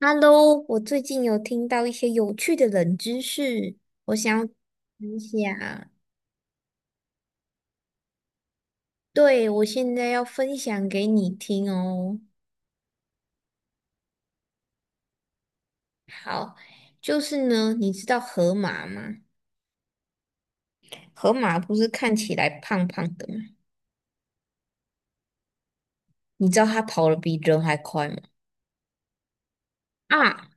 Hello，我最近有听到一些有趣的冷知识，我想分享。对，我现在要分享给你听哦。好，就是呢，你知道河马吗？河马不是看起来胖胖的吗？你知道它跑得比人还快吗？啊，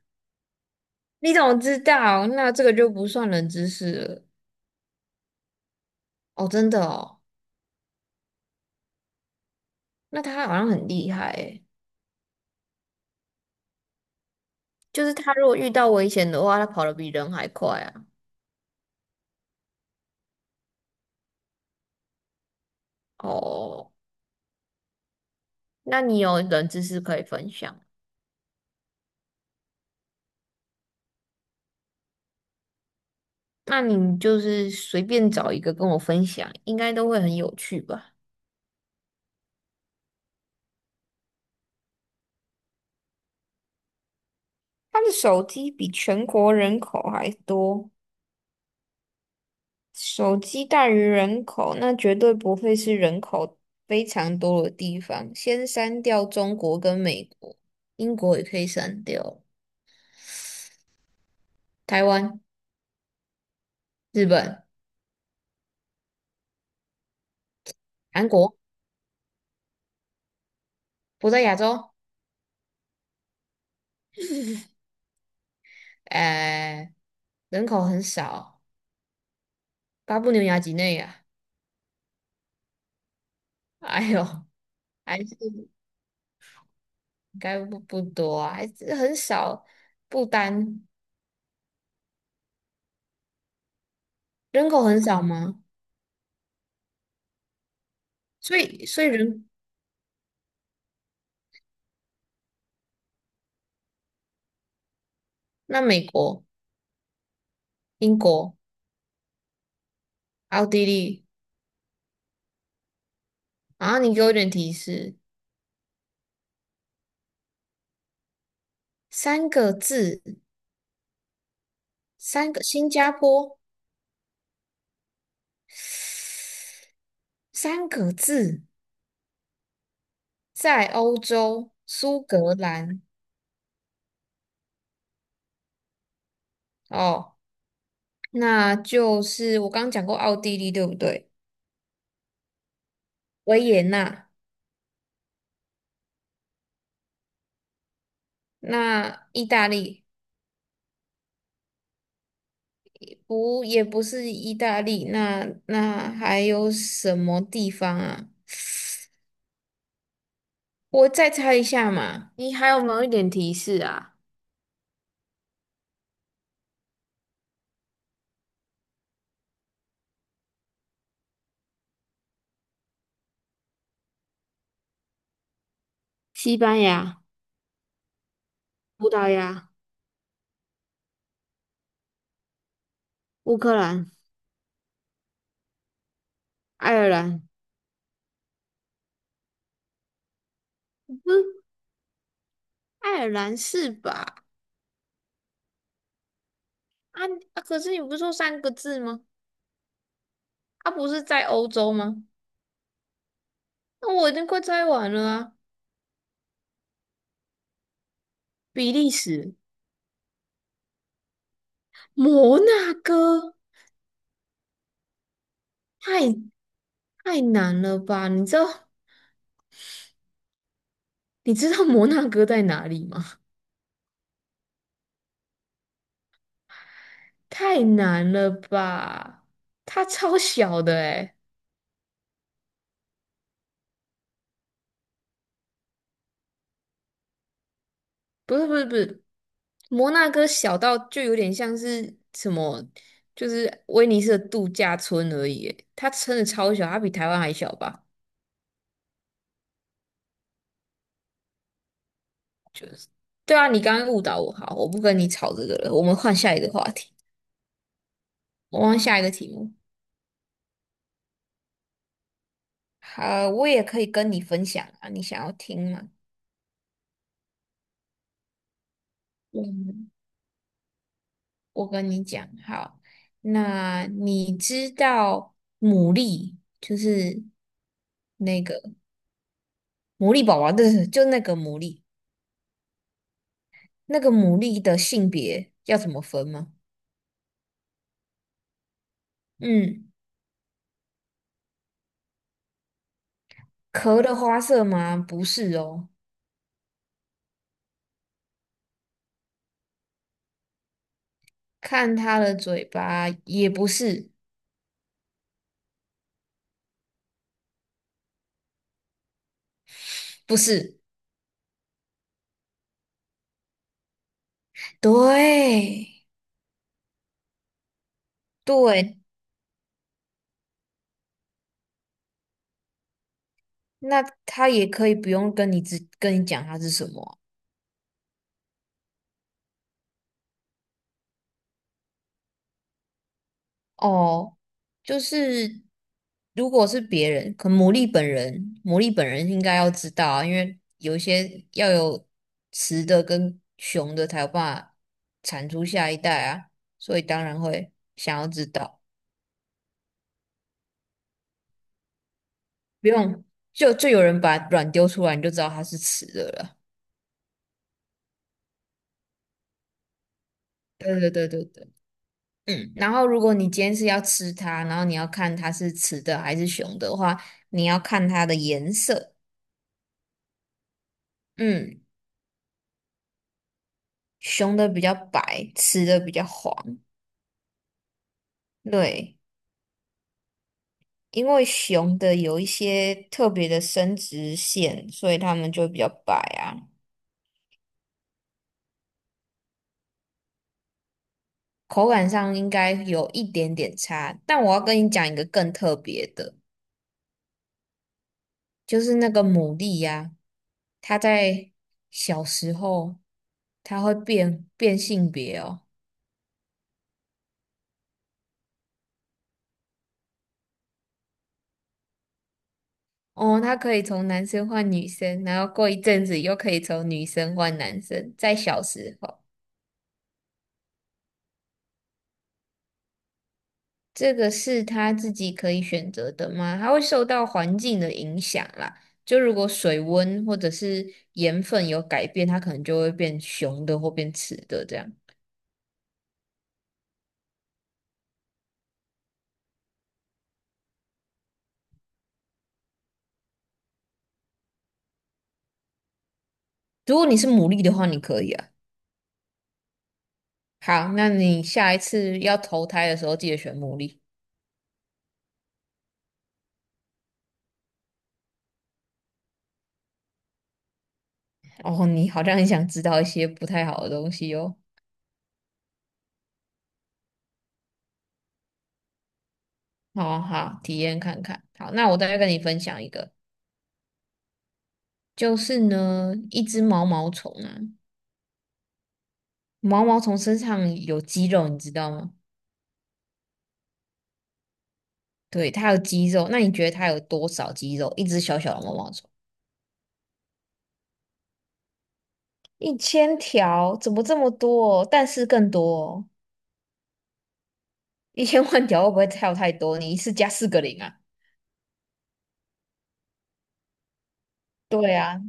你怎么知道？那这个就不算冷知识了。哦，真的哦，那它好像很厉害诶，就是它如果遇到危险的话，它跑得比人还快啊。哦。那你有冷知识可以分享？那你就是随便找一个跟我分享，应该都会很有趣吧？他的手机比全国人口还多，手机大于人口，那绝对不会是人口非常多的地方。先删掉中国跟美国，英国也可以删掉，台湾、日本、韩国不在亚洲，呃，人口很少，巴布纽亚几内亚，哎呦，还是应该不多啊，还是很少。不丹人口很少吗？所以人那美国、英国、奥地利，然后你给我一点提示，三个字，三个新加坡，三个字，在欧洲苏格兰哦，那就是我刚刚讲过奥地利对不对？维也纳，那意大利。不，也不是意大利，那还有什么地方啊？我再猜一下嘛。你还有没有一点提示啊？西班牙、葡萄牙、乌克兰、爱尔兰，嗯，爱尔兰是吧？啊啊可是你不是说三个字吗？啊，不是在欧洲吗？那我已经快猜完了啊。比利时、摩纳哥，太太难了吧？你知道摩纳哥在哪里吗？太难了吧？它超小的诶，不是，摩纳哥小到就有点像是什么，就是威尼斯的度假村而已诶，它真的超小，它比台湾还小吧？对啊，你刚刚误导我，好，我不跟你吵这个了，我们换下一个话题，我们换下一个题目。好，我也可以跟你分享啊，你想要听吗？嗯我跟你讲，好，那你知道牡蛎就是那个牡蛎宝宝，对，就那个牡蛎，那个牡蛎的性别要怎么分吗？嗯，壳的花色吗？不是哦，看它的嘴巴也不是，不是，对对，那它也可以不用只跟你讲它是什么啊哦，就是如果是别人，可牡蛎本人，牡蛎本人应该要知道啊，因为有一些要有雌的跟雄的才有办法产出下一代啊，所以当然会想要知道。不用，就有人把卵丢出来，你就知道它是雌的了。对对对对对，嗯。然后如果你今天是要吃它，然后你要看它是雌的还是雄的话，你要看它的颜色。嗯，雄的比较白，雌的比较黄。对，因为雄的有一些特别的生殖腺，所以它们就比较白啊。口感上应该有一点点差，但我要跟你讲一个更特别的，就是那个牡蛎呀、它在小时候它会变性别哦。哦，它可以从男生换女生，然后过一阵子又可以从女生换男生，在小时候。这个是他自己可以选择的吗？它会受到环境的影响啦。就如果水温或者是盐分有改变，它可能就会变雄的或变雌的这样。如果你是牡蛎的话，你可以啊。好，那你下一次要投胎的时候，记得选牡蛎。哦，你好像很想知道一些不太好的东西哦。好啊好，体验看看。好，那我再跟你分享一个，就是呢，一只毛毛虫啊，毛毛虫身上有肌肉，你知道吗？对，它有肌肉，那你觉得它有多少肌肉？一只小小的毛毛虫，1,000条，怎么这么多？但是更多哦，1,000万条会不会跳太多？你一次加四个零啊？对啊，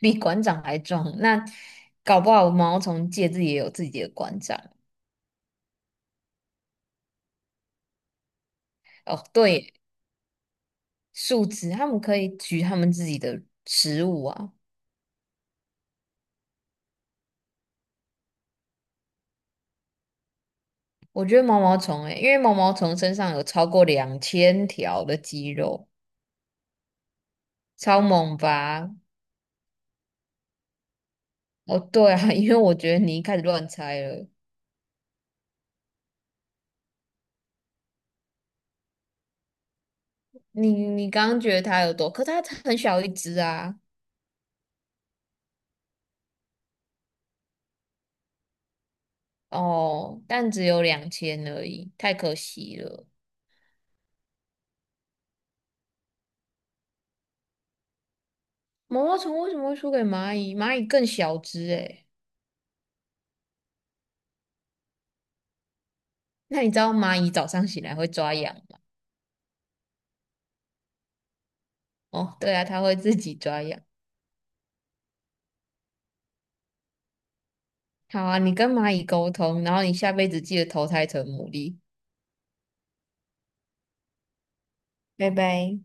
比馆长还壮。那搞不好毛毛虫界自己也有自己的馆长哦。对，树枝，他们可以取他们自己的食物啊。我觉得毛毛虫诶，因为毛毛虫身上有超过2,000条的肌肉，超猛吧？哦，对啊，因为我觉得你一开始乱猜了。你刚刚觉得它有多，可它很小一只啊。哦，但只有两千而已，太可惜了。毛毛虫为什么会输给蚂蚁？蚂蚁更小只诶。那你知道蚂蚁早上醒来会抓痒吗？哦，对啊，它会自己抓痒。好啊，你跟蚂蚁沟通，然后你下辈子记得投胎成牡蛎。拜拜。